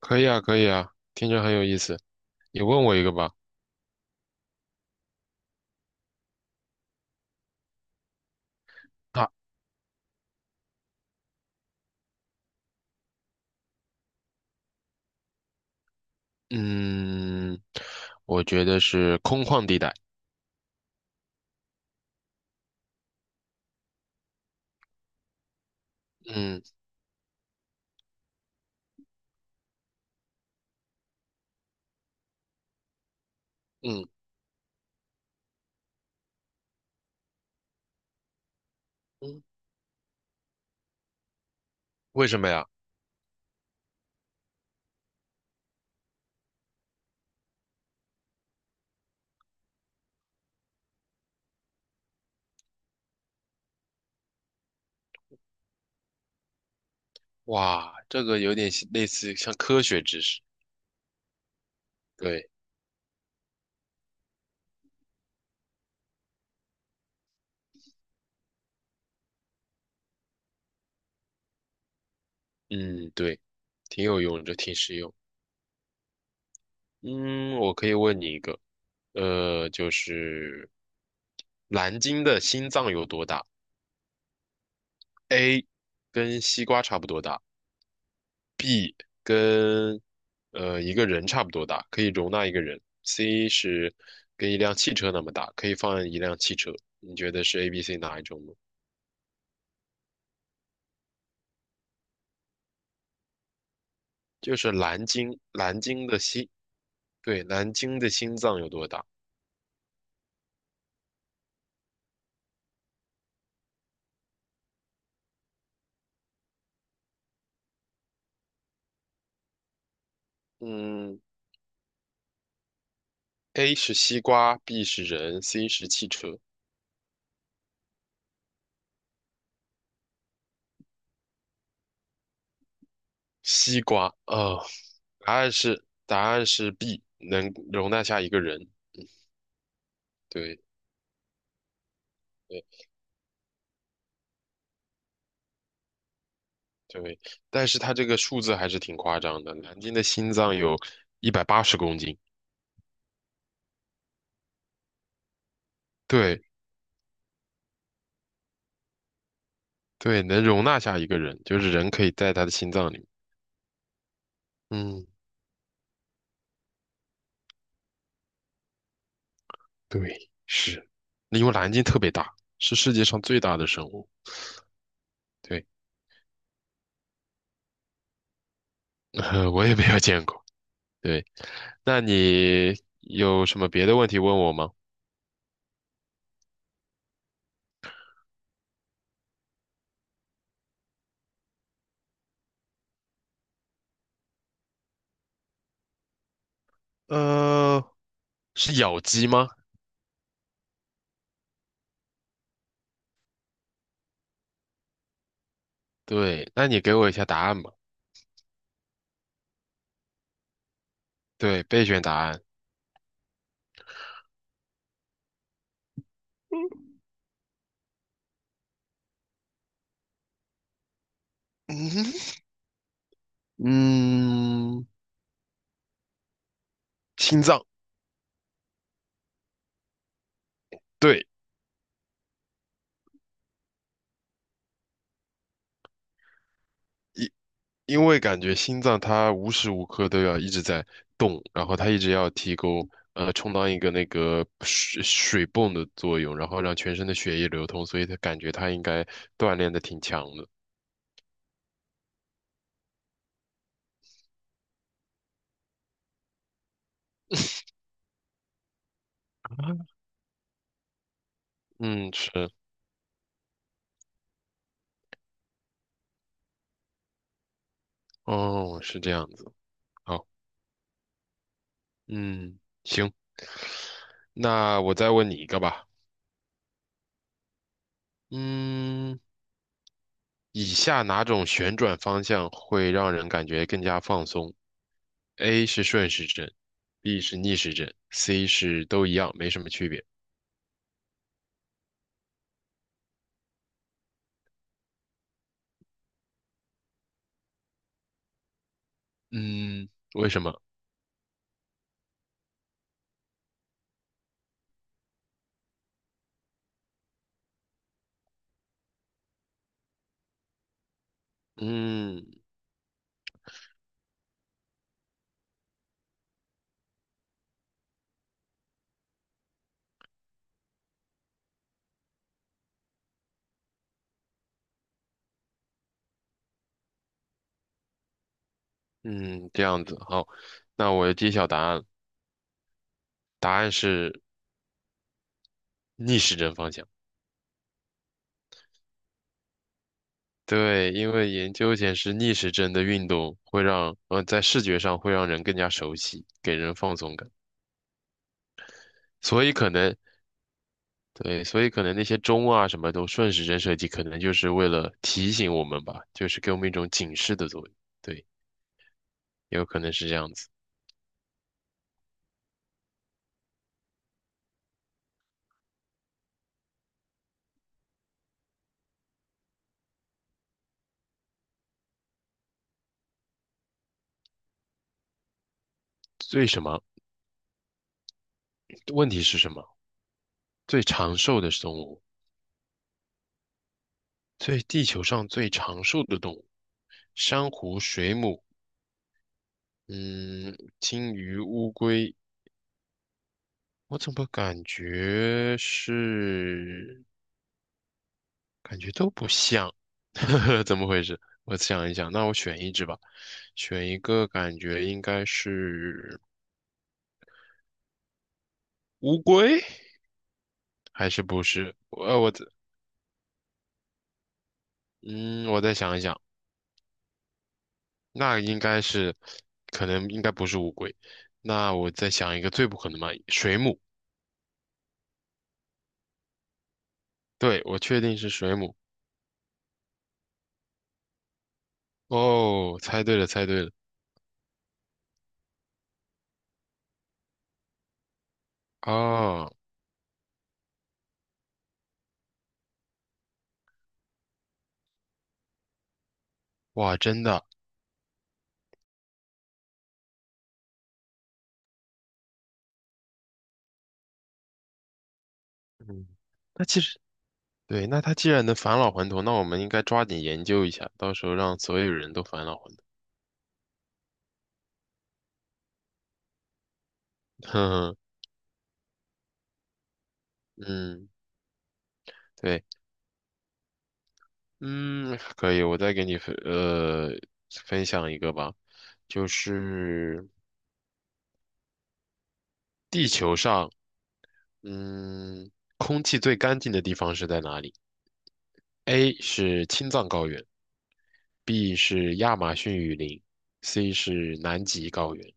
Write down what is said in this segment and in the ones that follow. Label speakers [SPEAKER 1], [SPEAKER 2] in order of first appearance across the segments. [SPEAKER 1] 可以啊，可以啊，听着很有意思。你问我一个吧。啊，嗯，我觉得是空旷地带。嗯嗯嗯，为什么呀？哇，这个有点像类似像科学知识。对，嗯对，挺有用的，挺实用。嗯，我可以问你一个，就是蓝鲸的心脏有多大？A，跟西瓜差不多大。跟一个人差不多大，可以容纳一个人。C 是跟一辆汽车那么大，可以放一辆汽车。你觉得是 A、B、C 哪一种呢？就是蓝鲸，蓝鲸的心，对，蓝鲸的心脏有多大？嗯，A 是西瓜，B 是人，C 是汽车。西瓜，哦，答案是 B，能容纳下一个人。对对对，但是它这个数字还是挺夸张的，蓝鲸的心脏有180公斤。对对，能容纳下一个人，就是人可以在他的心脏里面。嗯，对，是，因为蓝鲸特别大，是世界上最大的生物。对，我也没有见过。对，那你有什么别的问题问我吗？呃，是咬肌吗？对，那你给我一下答案吧。对，备选答案。嗯，心脏。对。因为感觉心脏它无时无刻都要一直在动，然后它一直要提供充当一个那个水泵的作用，然后让全身的血液流通，所以它感觉它应该锻炼的挺强的。嗯，是，哦，是这样子。好，嗯，行，那我再问你一个吧。嗯，以下哪种旋转方向会让人感觉更加放松？A 是顺时针，B 是逆时针，C 是都一样，没什么区别。嗯，为什么？嗯嗯，这样子，好，那我揭晓答案，答案是逆时针方向。对，因为研究显示逆时针的运动会让，在视觉上会让人更加熟悉，给人放松感。所以可能，对，所以可能那些钟啊什么都顺时针设计，可能就是为了提醒我们吧，就是给我们一种警示的作用。对，也有可能是这样子。最什么？问题是什么？最长寿的动物。地球上最长寿的动物，珊瑚、水母，嗯，金鱼、乌龟，我怎么感觉是，感觉都不像，呵呵，怎么回事？我想一想，那我选一只吧，选一个感觉应该是乌龟，还是不是？我再想一想，那应该是，可能应该不是乌龟，那我再想一个最不可能嘛，水母，对，我确定是水母。哦，猜对了，猜对了。啊！哇，真的。嗯，那其实对，那他既然能返老还童，那我们应该抓紧研究一下，到时候让所有人都返老还童。哼哼，嗯，对，嗯，可以，我再给你分享一个吧，就是地球上，嗯，空气最干净的地方是在哪里？A 是青藏高原，B 是亚马逊雨林，C 是南极高原。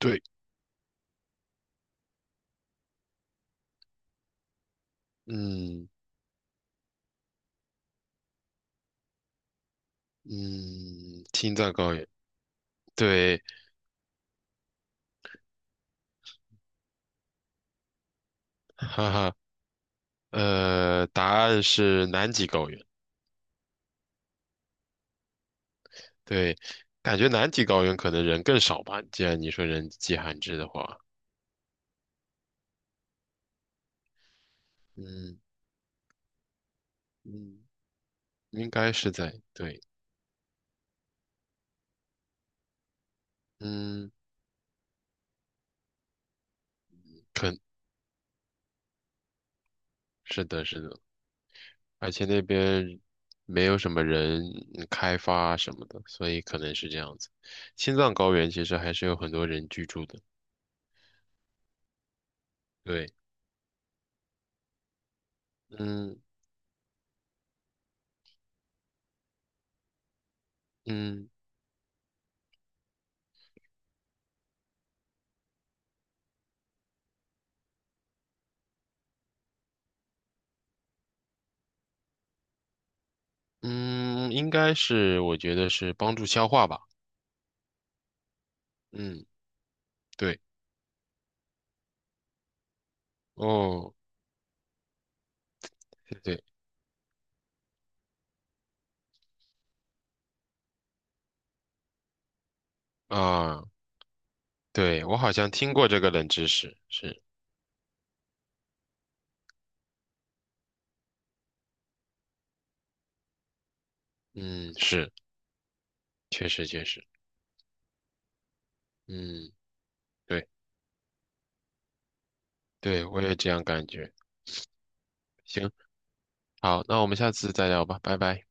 [SPEAKER 1] 对。嗯嗯，青藏高原，对，哈哈，答案是南极高原，对，感觉南极高原可能人更少吧，既然你说人迹罕至的话，嗯嗯，应该是在，对，嗯，肯，是的，是的，而且那边没有什么人开发什么的，所以可能是这样子。青藏高原其实还是有很多人居住的，对，嗯嗯。嗯，应该是，我觉得是帮助消化吧。嗯，对，哦，对对啊，对，我好像听过这个冷知识，是，嗯，是，确实确实，嗯，对对，我也这样感觉。行，好，那我们下次再聊吧，拜拜。